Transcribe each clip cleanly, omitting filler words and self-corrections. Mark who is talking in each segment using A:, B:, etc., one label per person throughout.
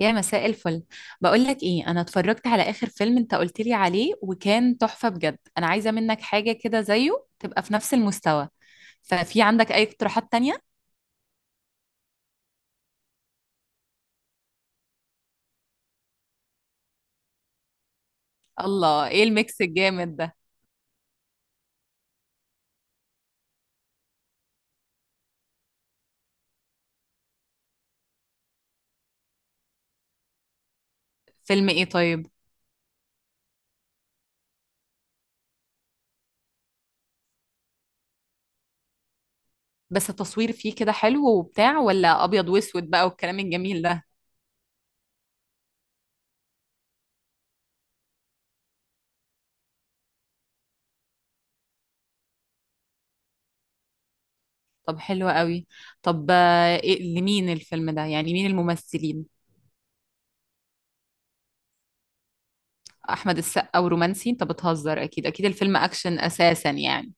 A: يا مساء الفل. بقول لك ايه، انا اتفرجت على اخر فيلم انت قلت لي عليه وكان تحفة بجد. انا عايزة منك حاجة كده زيه، تبقى في نفس المستوى. ففي عندك اي اقتراحات تانية؟ الله، ايه الميكس الجامد ده! فيلم ايه طيب؟ بس التصوير فيه كده حلو وبتاع، ولا ابيض واسود بقى والكلام الجميل ده؟ طب حلو قوي. طب إيه، لمين الفيلم ده يعني، مين الممثلين؟ احمد السقا ورومانسي؟ انت بتهزر! اكيد اكيد الفيلم اكشن اساسا يعني.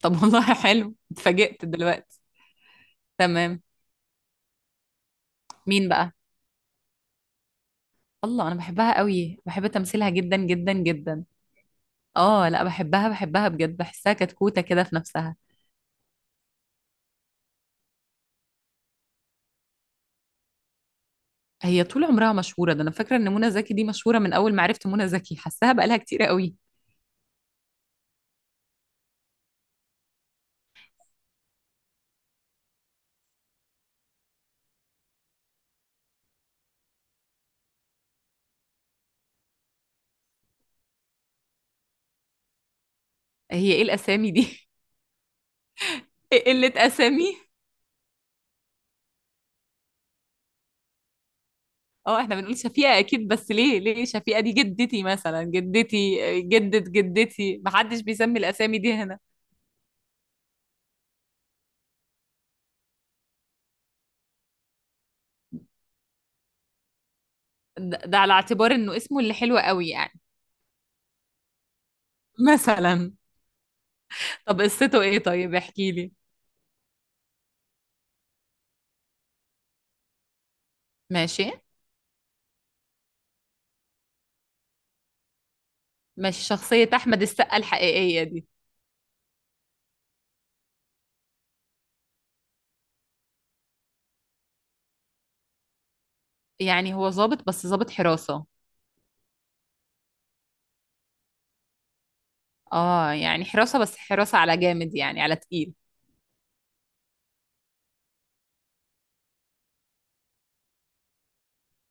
A: طب والله حلو، اتفاجئت دلوقتي. تمام. مين بقى؟ الله، انا بحبها قوي، بحب تمثيلها جدا جدا جدا. اه لا، بحبها بحبها بجد، بحسها كتكوتة كده في نفسها. هي طول عمرها مشهورة، ده انا فاكرة ان منى زكي دي مشهورة، من اول ما عرفت منى زكي حاساها بقالها كتير قوي. هي ايه الاسامي دي؟ ايه قلة اسامي! اه احنا بنقول شفيقة اكيد، بس ليه شفيقة؟ دي جدتي مثلا، جدتي. جدة جدتي! محدش بيسمي الاسامي دي هنا. ده على اعتبار انه اسمه اللي حلو قوي يعني. مثلا. طب قصته ايه طيب، احكي لي. ماشي. مش شخصية أحمد السقا الحقيقية دي؟ يعني هو ظابط، بس ظابط حراسة؟ اه يعني حراسة، بس حراسة على جامد يعني على تقيل.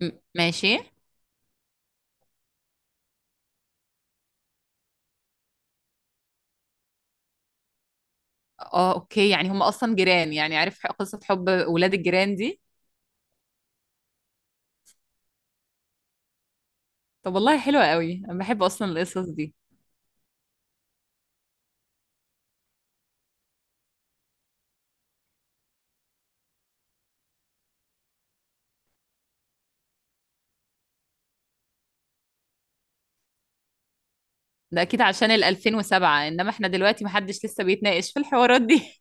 A: ماشي. اه اوكي، يعني هم أصلا جيران يعني، عارف قصة حب ولاد الجيران دي. طب والله حلوة قوي، أنا بحب أصلا القصص دي. ده أكيد عشان ال 2007، إنما إحنا دلوقتي محدش لسه بيتناقش في الحوارات دي.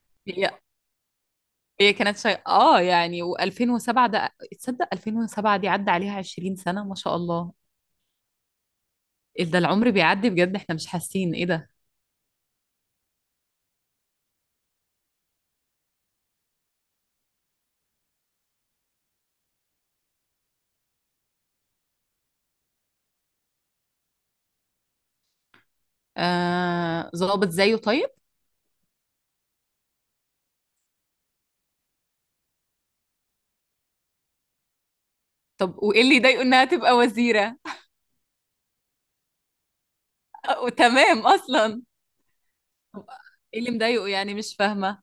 A: هي هي كانت شيء اه يعني، و2007 ده. تصدق 2007 دي عدى عليها 20 سنة ما شاء الله! إيه ده، العمر بيعدي بجد، احنا مش حاسين، ايه ده؟ ظابط زيه طيب؟ طب وايه اللي يضايقه انها تبقى وزيرة؟ تمام اصلا. طب، ايه اللي مضايقه يعني، مش فاهمة.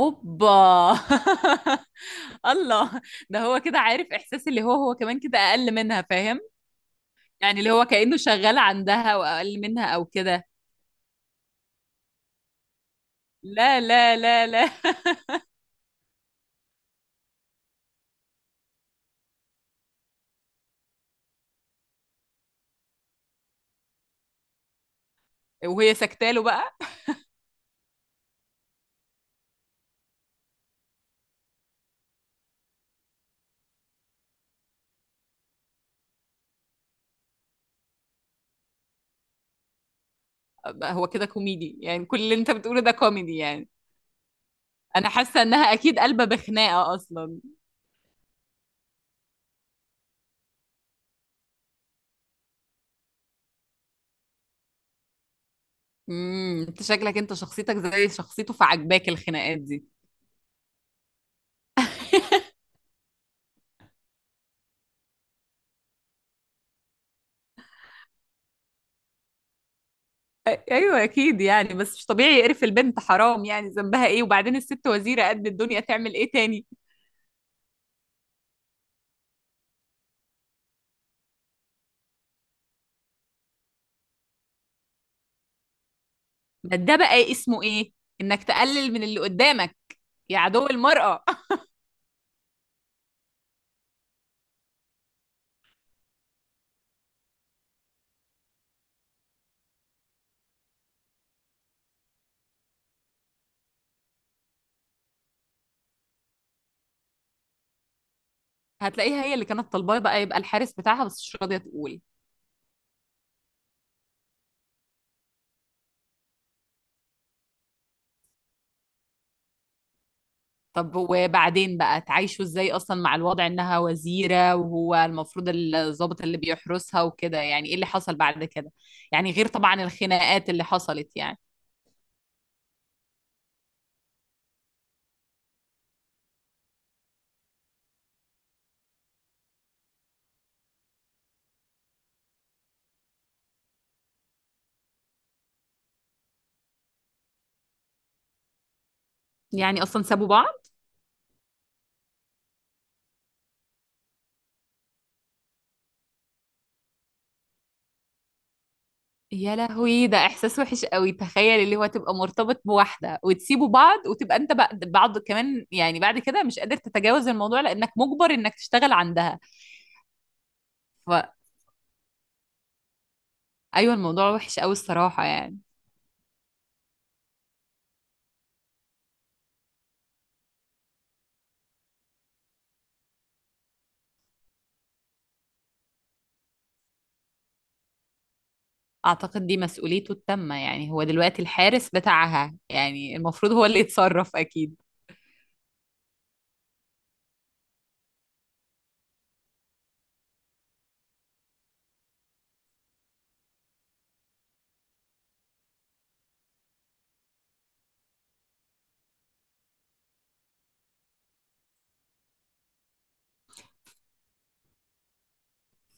A: اوبا. الله! ده هو كده عارف احساس اللي هو، هو كمان كده اقل منها، فاهم؟ يعني اللي هو كأنه شغال عندها واقل منها او كده. لا لا لا لا. وهي سكتاله بقى. بقى هو كده كوميدي يعني؟ كل اللي انت بتقوله ده كوميدي يعني؟ انا حاسه انها اكيد قلبه بخناقه اصلا. انت شكلك، انت شخصيتك زي شخصيته، فعجباك الخناقات دي. ايوه اكيد يعني، بس مش طبيعي يقرف البنت، حرام، يعني ذنبها ايه؟ وبعدين الست وزيرة قد الدنيا، تعمل ايه تاني؟ ده بقى اسمه ايه؟ انك تقلل من اللي قدامك؟ يا عدو المرأة! هتلاقيها هي اللي كانت طالباه بقى يبقى الحارس بتاعها، بس مش راضية تقول. طب وبعدين بقى، تعيشوا ازاي اصلا مع الوضع انها وزيرة وهو المفروض الضابط اللي بيحرسها وكده؟ يعني ايه اللي حصل بعد كده؟ يعني غير طبعا الخناقات اللي حصلت يعني. يعني أصلًا سابوا بعض؟ يا لهوي، ده إحساس وحِش أوي، تخيّل اللي هو تبقى مرتبط بواحدة وتسيبوا بعض، وتبقى أنت بعض كمان يعني بعد كده، مش قادر تتجاوز الموضوع لإنّك مُجبَر إنّك تشتغل عندها. فأيوه الموضوع وحِش أوي الصراحة يعني. أعتقد دي مسؤوليته التامة يعني، هو دلوقتي الحارس بتاعها، يعني المفروض هو اللي يتصرّف أكيد.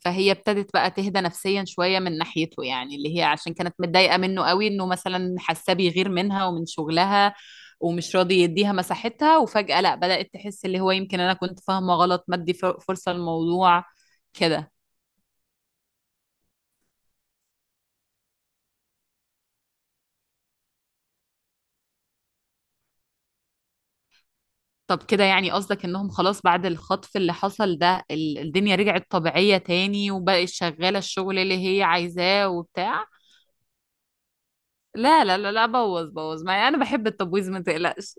A: فهي ابتدت بقى تهدى نفسيا شوية من ناحيته يعني، اللي هي عشان كانت متضايقة منه قوي انه مثلا حاساه بيغير منها ومن شغلها ومش راضي يديها مساحتها، وفجأة لا بدأت تحس اللي هو يمكن انا كنت فاهمة غلط، ما ادي فرصة للموضوع كده. طب كده يعني قصدك انهم خلاص بعد الخطف اللي حصل ده، الدنيا رجعت طبيعية تاني وبقت شغالة الشغل اللي هي عايزاه وبتاع؟ لا لا لا لا، بوظ بوظ معايا، انا بحب التبويظ ما تقلقش.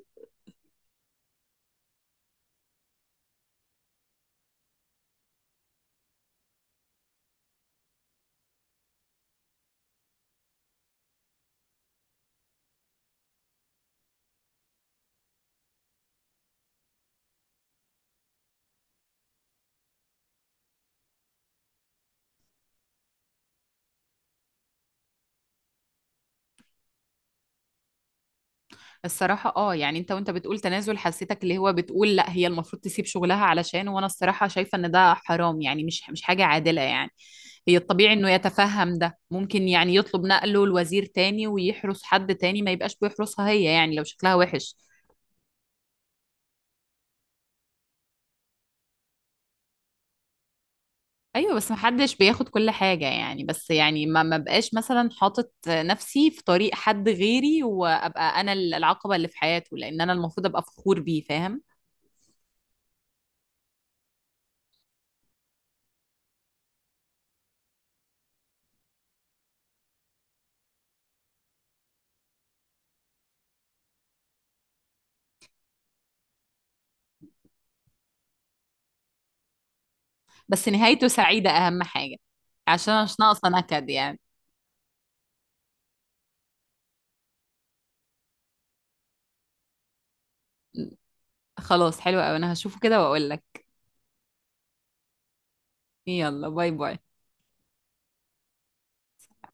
A: الصراحة اه يعني، انت وانت بتقول تنازل، حسيتك اللي هو بتقول لا هي المفروض تسيب شغلها علشان، وانا الصراحة شايفة ان ده حرام يعني، مش حاجة عادلة يعني. هي الطبيعي انه يتفهم، ده ممكن يعني يطلب نقله لوزير تاني ويحرس حد تاني، ما يبقاش بيحرسها هي يعني لو شكلها وحش. ايوه بس محدش بياخد كل حاجة يعني، بس يعني ما بقاش مثلا حاطط نفسي في طريق حد غيري وابقى انا العقبة اللي في حياته، لان انا المفروض ابقى فخور بيه، فاهم؟ بس نهايته سعيدة أهم حاجة، عشان أنا مش ناقصة نكد يعني. خلاص حلو أوي، أنا هشوفه كده وأقول لك. يلا باي باي.